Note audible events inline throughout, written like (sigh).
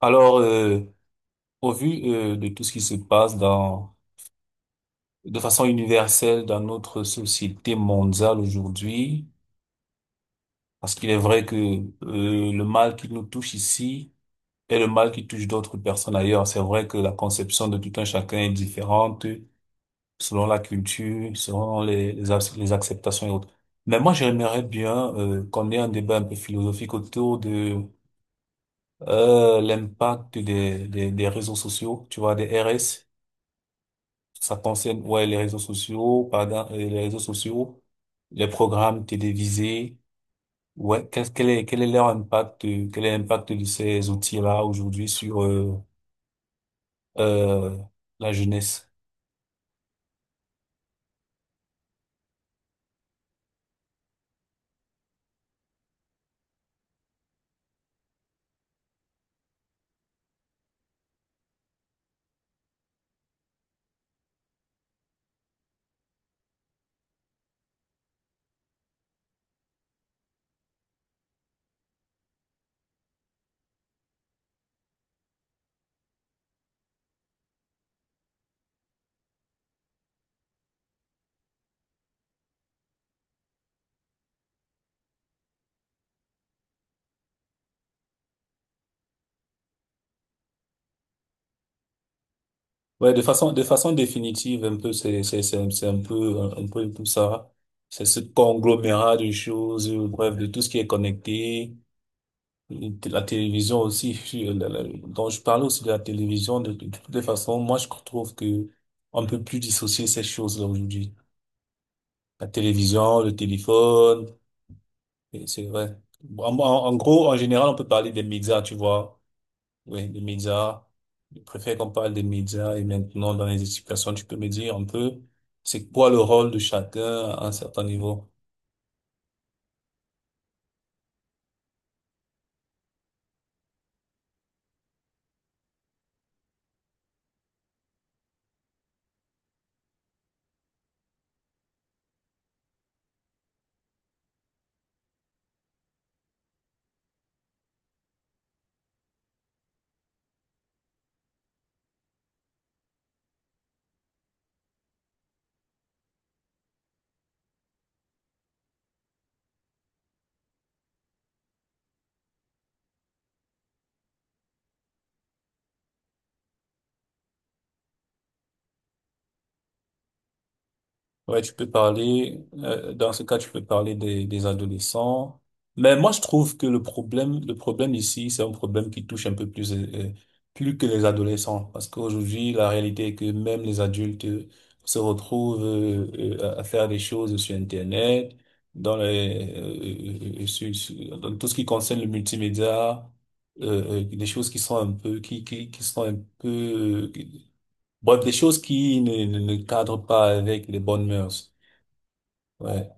Alors, euh, au vu de tout ce qui se passe de façon universelle dans notre société mondiale aujourd'hui, parce qu'il est vrai que le mal qui nous touche ici est le mal qui touche d'autres personnes ailleurs. C'est vrai que la conception de tout un chacun est différente selon la culture, selon les acceptations et autres. Mais moi, j'aimerais bien qu'on ait un débat un peu philosophique autour de l'impact des réseaux sociaux, tu vois, des RS. Ça concerne, ouais, les réseaux sociaux, pardon, les réseaux sociaux, les programmes télévisés. Quel est leur impact, quel est l'impact de ces outils-là aujourd'hui sur, euh, la jeunesse? Ouais, de façon définitive, un peu, c'est un peu, peu tout ça. C'est ce conglomérat de choses, bref, de tout ce qui est connecté. La télévision aussi, dont je parlais aussi de la télévision, de toutes les façons, moi je trouve que on ne peut plus dissocier ces choses-là aujourd'hui. La télévision, le téléphone, et c'est vrai. Bon, en gros, en général, on peut parler des médias, tu vois. Oui, des médias. Je préfère qu'on parle des médias et maintenant dans les explications, tu peux me dire un peu c'est quoi le rôle de chacun à un certain niveau. Ouais, tu peux parler, dans ce cas, tu peux parler des adolescents. Mais moi, je trouve que le problème ici, c'est un problème qui touche un peu plus, plus que les adolescents. Parce qu'aujourd'hui, la réalité est que même les adultes se retrouvent à faire des choses sur Internet, dans dans tout ce qui concerne le multimédia, des choses qui sont un peu, qui sont un peu, bref, des choses qui ne cadrent pas avec les bonnes mœurs. Ouais.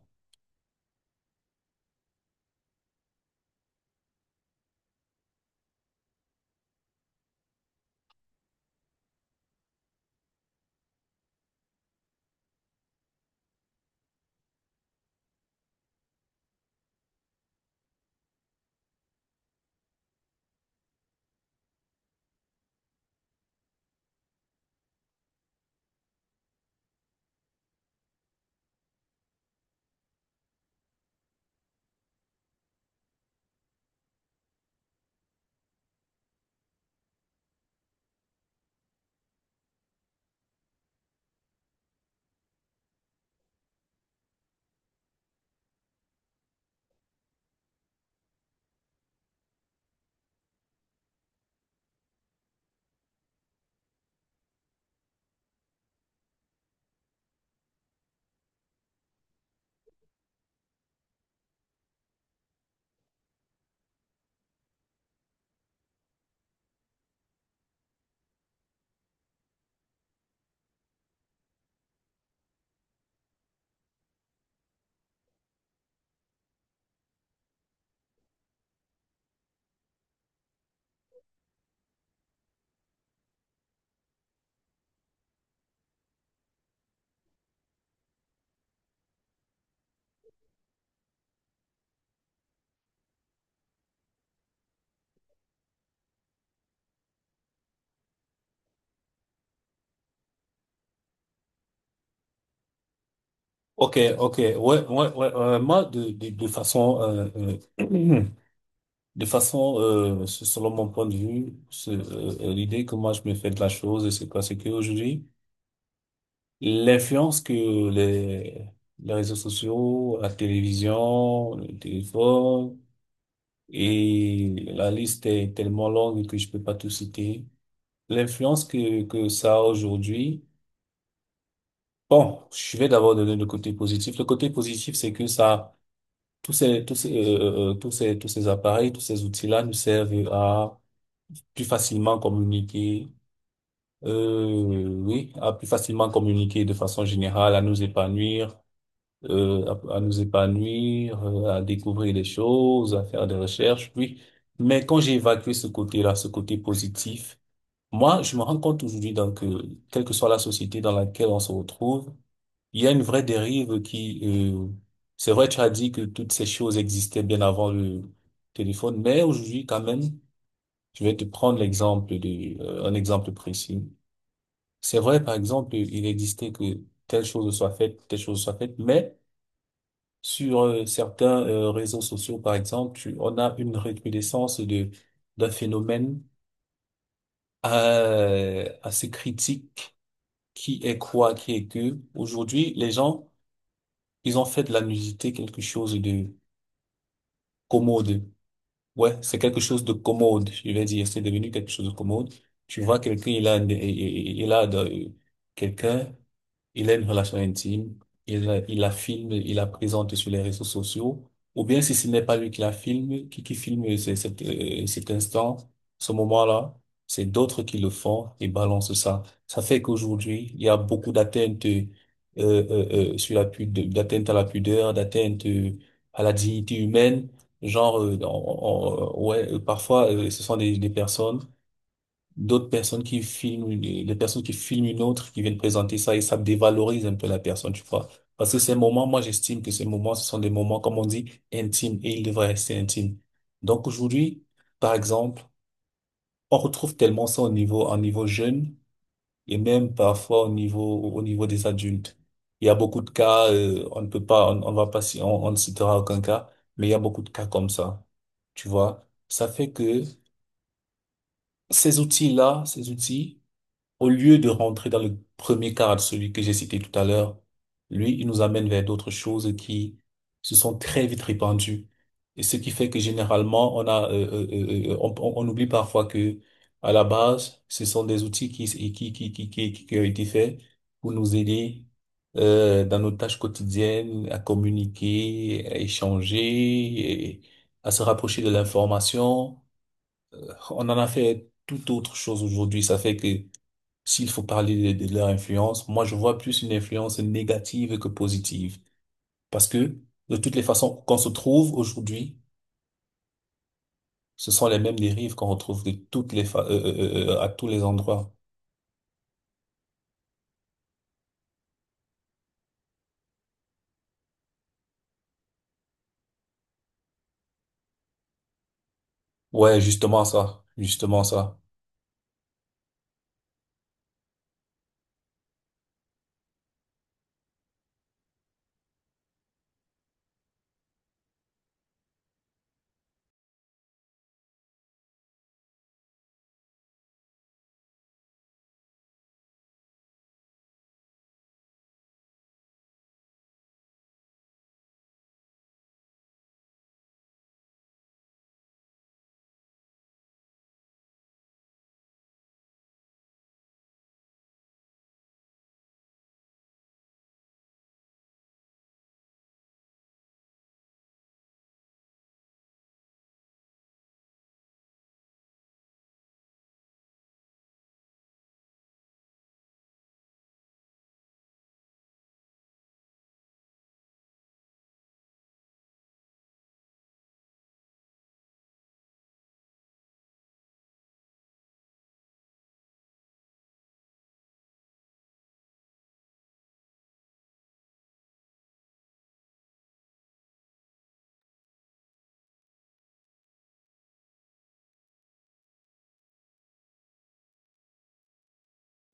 Ok, ok. Ouais, ouais, ouais, ouais. Moi, de façon, euh, (clears throat) de façon, selon mon point de vue, l'idée que moi je me fais de la chose, c'est quoi? C'est qu'aujourd'hui, l'influence que les, les réseaux sociaux, la télévision, le téléphone, et la liste est tellement longue que je peux pas tout citer. L'influence que ça a aujourd'hui. Bon, je vais d'abord donner le côté positif. Le côté positif, c'est que ça, tous ces, tous ces, tous ces, tous ces appareils, tous ces outils-là nous servent à plus facilement communiquer, oui, à plus facilement communiquer de façon générale, à nous épanouir, euh, à nous épanouir, à découvrir des choses, à faire des recherches, oui. Mais quand j'ai évacué ce côté-là, ce côté positif, moi, je me rends compte aujourd'hui, donc, que quelle que soit la société dans laquelle on se retrouve, il y a une vraie dérive qui, euh, c'est vrai, tu as dit que toutes ces choses existaient bien avant le téléphone, mais aujourd'hui, quand même, je vais te prendre l'exemple de, un exemple précis. C'est vrai, par exemple, il existait que telle chose soit faite, telle chose soit faite, mais sur certains réseaux sociaux, par exemple, on a une recrudescence de, d'un phénomène assez critique qui est quoi, qui est que aujourd'hui, les gens, ils ont fait de la nudité quelque chose de commode. Ouais, c'est quelque chose de commode, je vais dire. C'est devenu quelque chose de commode. Tu vois quelqu'un, il a quelqu'un il a une relation intime, il la filme, il la présente sur les réseaux sociaux, ou bien si ce n'est pas lui qui la filme, qui filme cet, cet instant, ce moment-là, c'est d'autres qui le font et balancent ça. Ça fait qu'aujourd'hui, il y a beaucoup d'atteintes sur la pudeur, d'atteintes à la pudeur, d'atteintes à la dignité humaine. Genre, ouais, parfois, ce sont des personnes, d'autres personnes qui filment, les personnes qui filment une autre, qui viennent présenter ça et ça dévalorise un peu la personne, tu vois. Parce que ces moments, moi, j'estime que ces moments, ce sont des moments, comme on dit, intimes et ils devraient rester intimes. Donc aujourd'hui, par exemple, on retrouve tellement ça au niveau jeune et même parfois au niveau des adultes. Il y a beaucoup de cas, on ne peut pas, on va pas, on ne citera aucun cas, mais il y a beaucoup de cas comme ça. Tu vois, ça fait que ces outils, au lieu de rentrer dans le premier cadre, celui que j'ai cité tout à l'heure, lui, il nous amène vers d'autres choses qui se sont très vite répandues. Et ce qui fait que généralement, on oublie parfois que, à la base, ce sont des outils qui ont été faits pour nous aider, dans nos tâches quotidiennes, à communiquer, à échanger, et à se rapprocher de l'information. On en a fait toute autre chose aujourd'hui. Ça fait que s'il faut parler de leur influence, moi je vois plus une influence négative que positive. Parce que de toutes les façons qu'on se trouve aujourd'hui, ce sont les mêmes dérives qu'on retrouve de toutes les à tous les endroits. Ouais, justement ça, justement ça.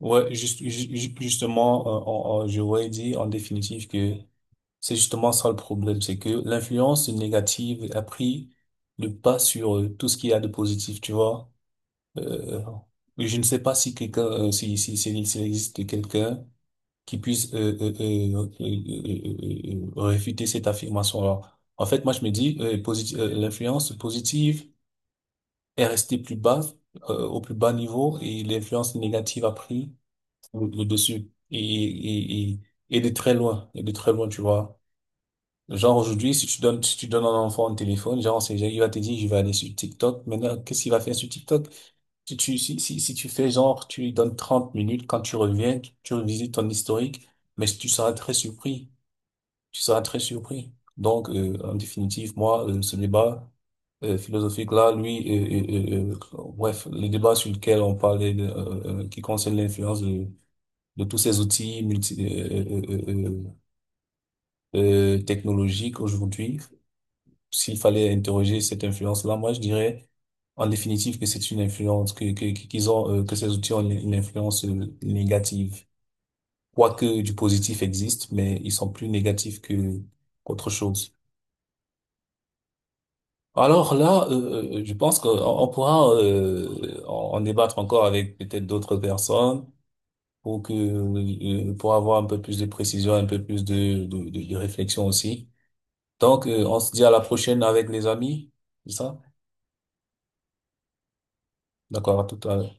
Ouais, justement, je voudrais dire en définitive que c'est justement ça le problème, c'est que l'influence négative a pris le pas sur tout ce qu'il y a de positif, tu vois. Euh, je ne sais pas si quelqu'un, s'il existe quelqu'un qui puisse réfuter cette affirmation-là. En fait, moi, je me dis, l'influence positive est restée plus bas, au plus bas niveau, et l'influence négative a pris le dessus. Et de très loin, et de très loin, tu vois. Genre aujourd'hui, si tu donnes à un enfant un téléphone, genre, c'est, il va te dire, je vais aller sur TikTok. Maintenant, qu'est-ce qu'il va faire sur TikTok? Si tu fais genre, tu lui donnes 30 minutes, quand tu reviens, tu revisites ton historique, mais tu seras très surpris. Tu seras très surpris. Donc, en définitive, moi, ce débat philosophique-là, bref, le débat sur lequel on parlait, qui concerne l'influence de tous ces outils technologiques aujourd'hui, s'il fallait interroger cette influence-là, moi, je dirais en définitive que c'est une influence, qu'ils ont, que ces outils ont une influence négative. Quoique du positif existe, mais ils sont plus négatifs que qu'autre chose. Alors là, je pense qu'on on pourra en débattre encore avec peut-être d'autres personnes pour que pour avoir un peu plus de précision, un peu plus de réflexion aussi. Donc, on se dit à la prochaine avec les amis, c'est ça? D'accord, à tout à l'heure.